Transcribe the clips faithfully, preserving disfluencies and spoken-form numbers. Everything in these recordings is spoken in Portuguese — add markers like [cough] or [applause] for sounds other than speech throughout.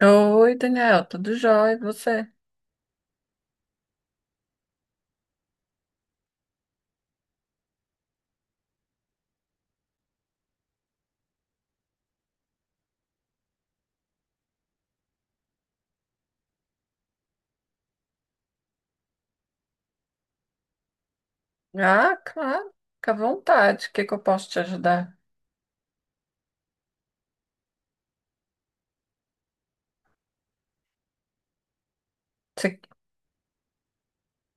Oi, Daniel, tudo jóia? E você? Ah, claro, fica à vontade. O que que eu posso te ajudar? Você,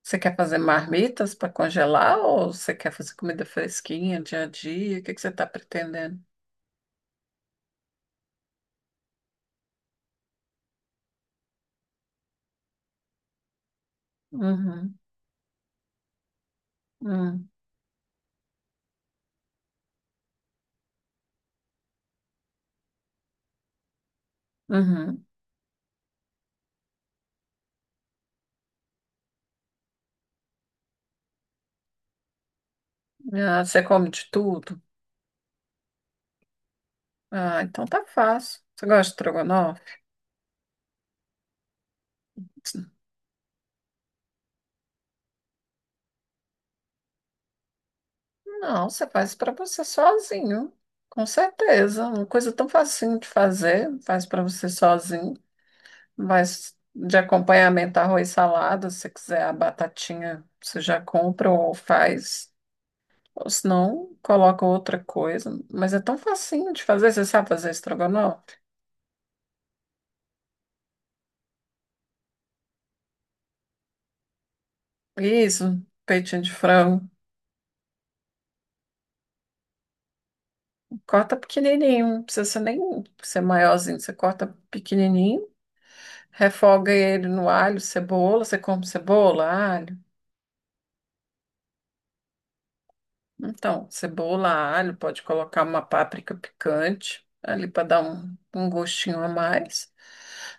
você quer fazer marmitas para congelar ou você quer fazer comida fresquinha, dia a dia? O que que você está pretendendo? Uhum, uhum, uhum. Ah, você come de tudo? Ah, então tá fácil. Você gosta de estrogonofe? Não, você faz para você sozinho, com certeza. Uma coisa tão facinho de fazer, faz para você sozinho. Mas de acompanhamento, arroz e salada, se você quiser a batatinha, você já compra ou faz. Ou se não, coloca outra coisa. Mas é tão facinho de fazer, você sabe fazer estrogonofe? Isso, peitinho de frango. Corta pequenininho, não precisa ser nem ser maiorzinho. Você corta pequenininho, refoga ele no alho, cebola. Você come cebola, alho? Então, cebola, alho, pode colocar uma páprica picante ali para dar um, um gostinho a mais.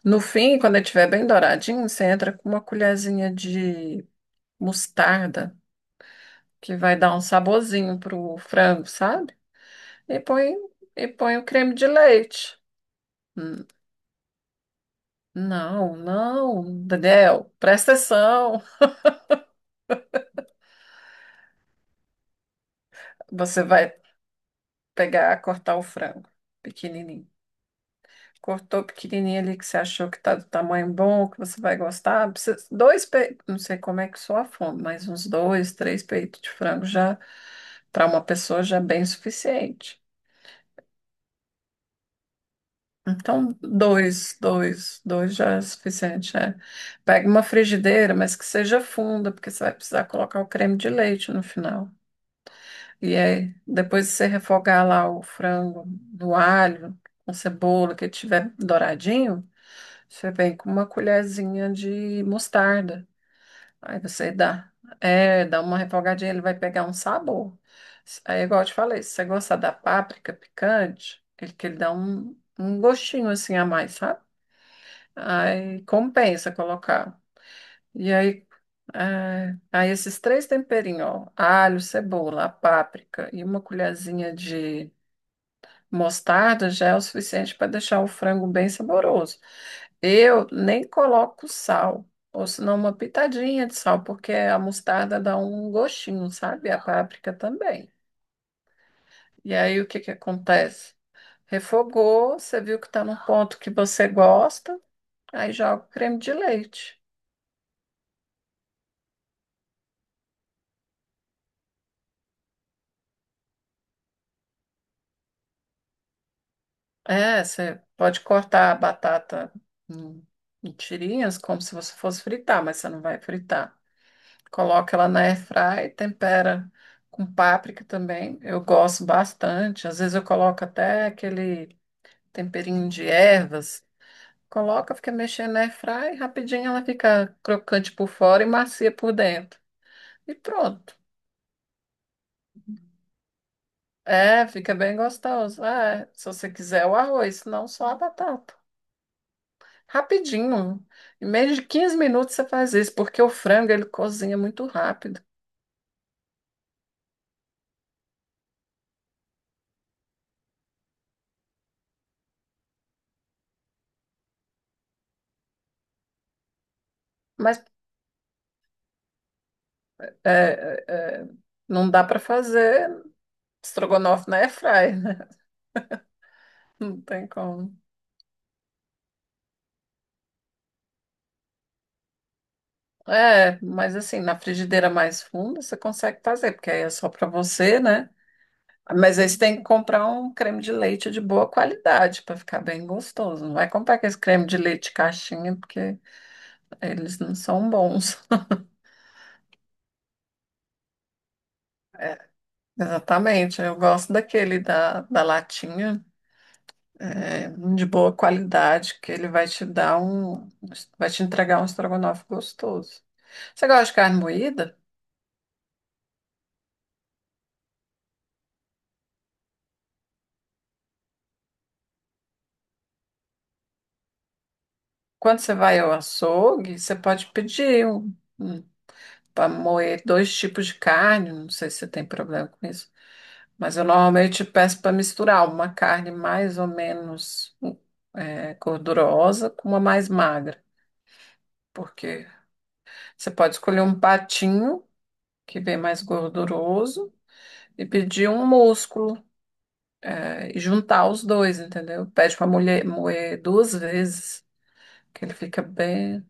No fim, quando ele estiver bem douradinho, você entra com uma colherzinha de mostarda, que vai dar um saborzinho pro frango, sabe? E põe, e põe o creme de leite. Hum, Não, não, Daniel, presta atenção. Você vai pegar, cortar o frango pequenininho. Cortou pequenininho ali que você achou que tá do tamanho bom, que você vai gostar. Precisa- Dois peitos, não sei como é que soa a fome, mas uns dois, três peitos de frango já, para uma pessoa já é bem suficiente. Então, dois, dois, dois já é suficiente, é. Pega uma frigideira, mas que seja funda, porque você vai precisar colocar o creme de leite no final. E aí, depois de você refogar lá o frango no alho, com cebola, que ele tiver douradinho, Você vem com uma colherzinha de mostarda. Aí você dá, é, dá uma refogadinha, ele vai pegar um sabor. Aí, igual eu te falei, se você gostar da páprica picante, ele que ele dá um, um gostinho assim a mais, sabe? Aí compensa colocar. E aí, é, aí esses três temperinhos, ó, alho, cebola, a páprica e uma colherzinha de mostarda já é o suficiente para deixar o frango bem saboroso. Eu nem coloco sal, ou senão uma pitadinha de sal, porque a mostarda dá um gostinho, sabe? A páprica também. E aí o que que acontece? Refogou, você viu que está num ponto que você gosta, aí joga o creme de leite. É, você pode cortar a batata em em tirinhas, como se você fosse fritar, mas você não vai fritar. Coloca ela na airfry, tempera com páprica também. Eu gosto bastante. Às vezes eu coloco até aquele temperinho de ervas, coloca, fica mexendo na airfry, rapidinho ela fica crocante por fora e macia por dentro. E pronto. É, fica bem gostoso. É, se você quiser o arroz, senão só a batata. Rapidinho. Em menos de quinze minutos você faz isso, porque o frango ele cozinha muito rápido. Mas é, é, é, não dá para fazer estrogonofe na airfry, né? [laughs] Não tem como. É, mas assim, na frigideira mais funda você consegue fazer, porque aí é só para você, né? Mas aí você tem que comprar um creme de leite de boa qualidade para ficar bem gostoso. Não vai comprar aquele creme de leite caixinha, porque eles não são bons. [laughs] É, exatamente, eu gosto daquele da, da latinha, é, de boa qualidade, que ele vai te dar um, vai te entregar um estrogonofe gostoso. Você gosta de carne moída? Quando você vai ao açougue, você pode pedir um, um, para moer dois tipos de carne, não sei se você tem problema com isso. Mas eu normalmente peço para misturar uma carne mais ou menos é, gordurosa com uma mais magra, porque você pode escolher um patinho, que vem mais gorduroso, e pedir um músculo, é, e juntar os dois, entendeu? Pede para mulher moer duas vezes, que ele fica bem.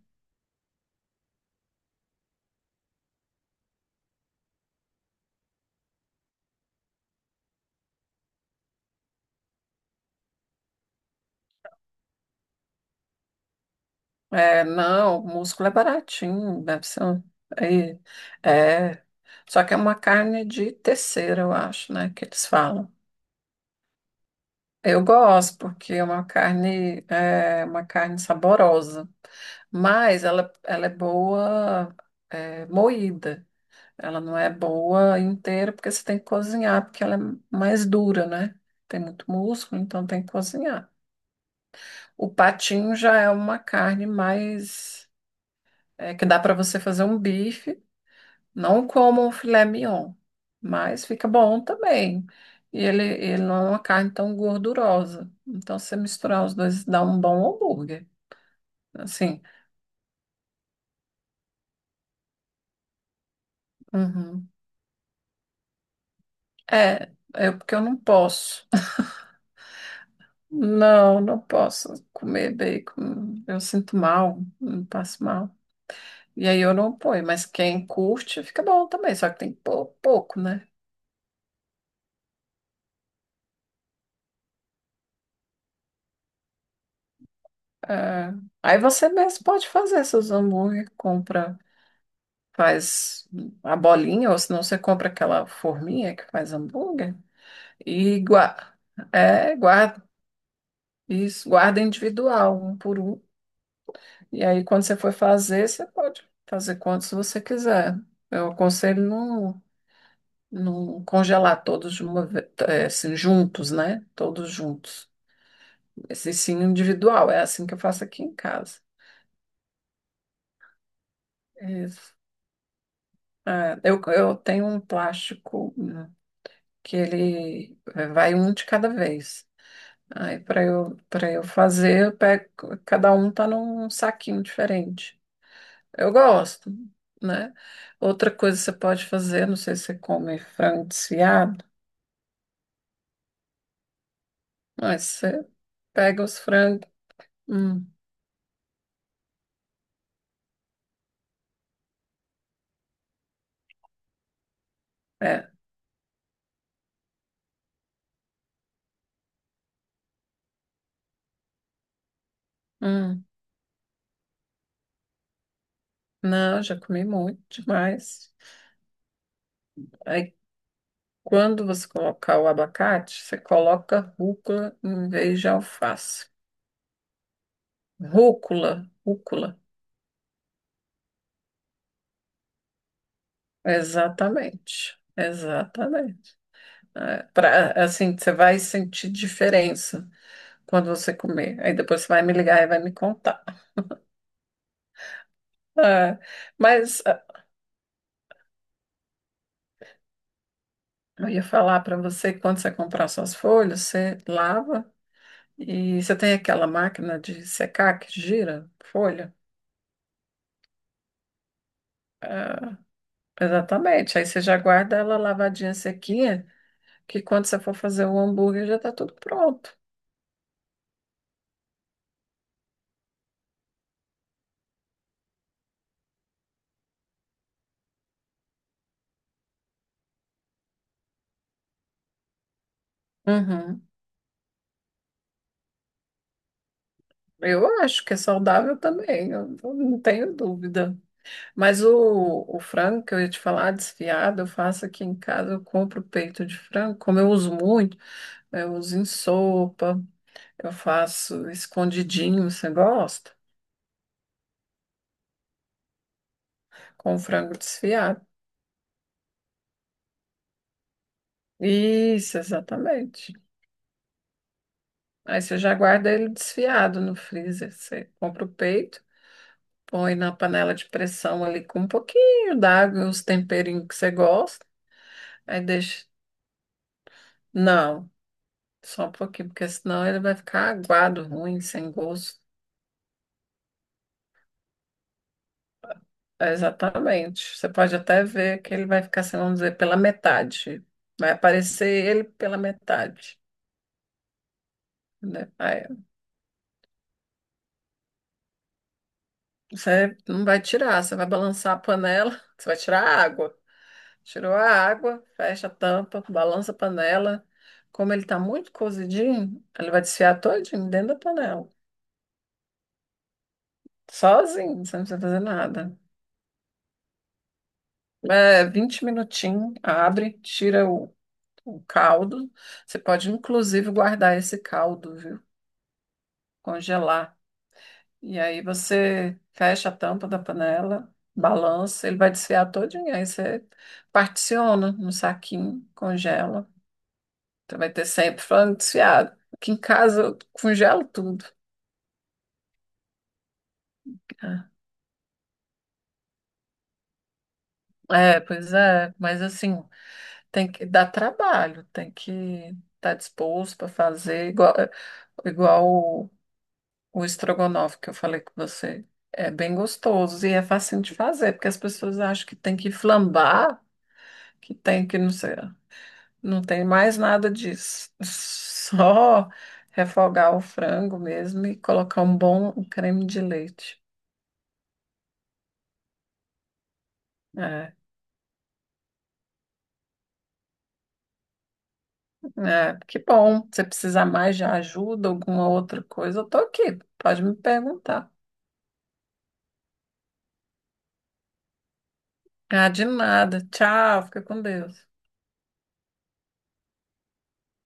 É, não, o músculo é baratinho, deve ser um. Aí, é, só que é uma carne de terceira, eu acho, né, que eles falam. Eu gosto, porque é uma carne, é uma carne saborosa, mas ela, ela é boa, é, moída. Ela não é boa inteira, porque você tem que cozinhar, porque ela é mais dura, né? Tem muito músculo, então tem que cozinhar. O patinho já é uma carne mais, é, que dá para você fazer um bife. Não como um filé mignon, mas fica bom também. E ele, ele não é uma carne tão gordurosa. Então, se você misturar os dois, dá um bom hambúrguer. Assim, uhum. É, é porque eu não posso. Não, não posso comer bacon. Eu sinto mal, eu passo mal. E aí eu não ponho, mas quem curte fica bom também, só que tem que pôr pouco, né? É. Aí você mesmo pode fazer seus hambúrguer, compra. Faz a bolinha, ou senão você compra aquela forminha que faz hambúrguer e guarda, é, guarda, isso, guarda individual, um por um. E aí, quando você for fazer, você pode fazer quantos você quiser. Eu aconselho não, não congelar todos de uma vez, assim, juntos, né? Todos juntos. Esse sim individual, é assim que eu faço aqui em casa. Isso. É, eu, eu tenho um plástico hum, que ele é, vai um de cada vez. Aí para eu para eu fazer, eu pego, cada um tá num saquinho diferente. Eu gosto, né? Outra coisa que você pode fazer, não sei se você come frango desfiado, mas você pega os frangos, hum, é, hum, não, já comi muito demais. Aí quando você colocar o abacate, você coloca rúcula em vez de alface. Rúcula, rúcula, exatamente, exatamente. É, pra- assim, você vai sentir diferença quando você comer. Aí depois você vai me ligar e vai me contar. É, mas é, eu ia falar para você que quando você comprar suas folhas, você lava e você tem aquela máquina de secar que gira folha. É, exatamente. Aí você já guarda ela lavadinha, sequinha. Que quando você for fazer o hambúrguer já tá tudo pronto. Uhum. Eu acho que é saudável também, eu não não tenho dúvida. Mas o, o frango que eu ia te falar, desfiado, eu faço aqui em casa, eu compro peito de frango, como eu uso muito, eu uso em sopa, eu faço escondidinho, você gosta? Com frango desfiado. Isso, exatamente. Aí você já guarda ele desfiado no freezer. Você compra o peito, põe na panela de pressão ali com um pouquinho d'água e os temperinhos que você gosta. Aí deixa. Não, só um pouquinho, porque senão ele vai ficar aguado, ruim, sem gosto. É, exatamente. Você pode até ver que ele vai ficar, assim, vamos dizer, pela metade. Vai aparecer ele pela metade. né? Aí você não vai tirar, você vai balançar a panela, [laughs] você vai tirar a água. Tirou a água, fecha a tampa, balança a panela. Como ele está muito cozidinho, ele vai desfiar todinho dentro da panela. Sozinho, você não precisa fazer nada. É, vinte minutinhos, abre, tira o, o caldo. Você pode, inclusive, guardar esse caldo, viu? Congelar. E aí você fecha a tampa da panela, balança, ele vai desfiar todinho. Aí você particiona no saquinho, congela. Então vai ter sempre falando desfiado. Aqui em casa eu congelo tudo. É, É, pois é, mas assim, tem que dar trabalho, tem que estar disposto para fazer igual, igual o, o estrogonofe que eu falei com você. É bem gostoso e é fácil de fazer, porque as pessoas acham que tem que flambar, que tem que não sei, não tem mais nada disso. [laughs] Só refogar o frango mesmo e colocar um bom creme de leite. É. É, que bom. Se precisar mais de ajuda, alguma outra coisa, eu tô aqui. Pode me perguntar. Ah, de nada. Tchau, fica com Deus.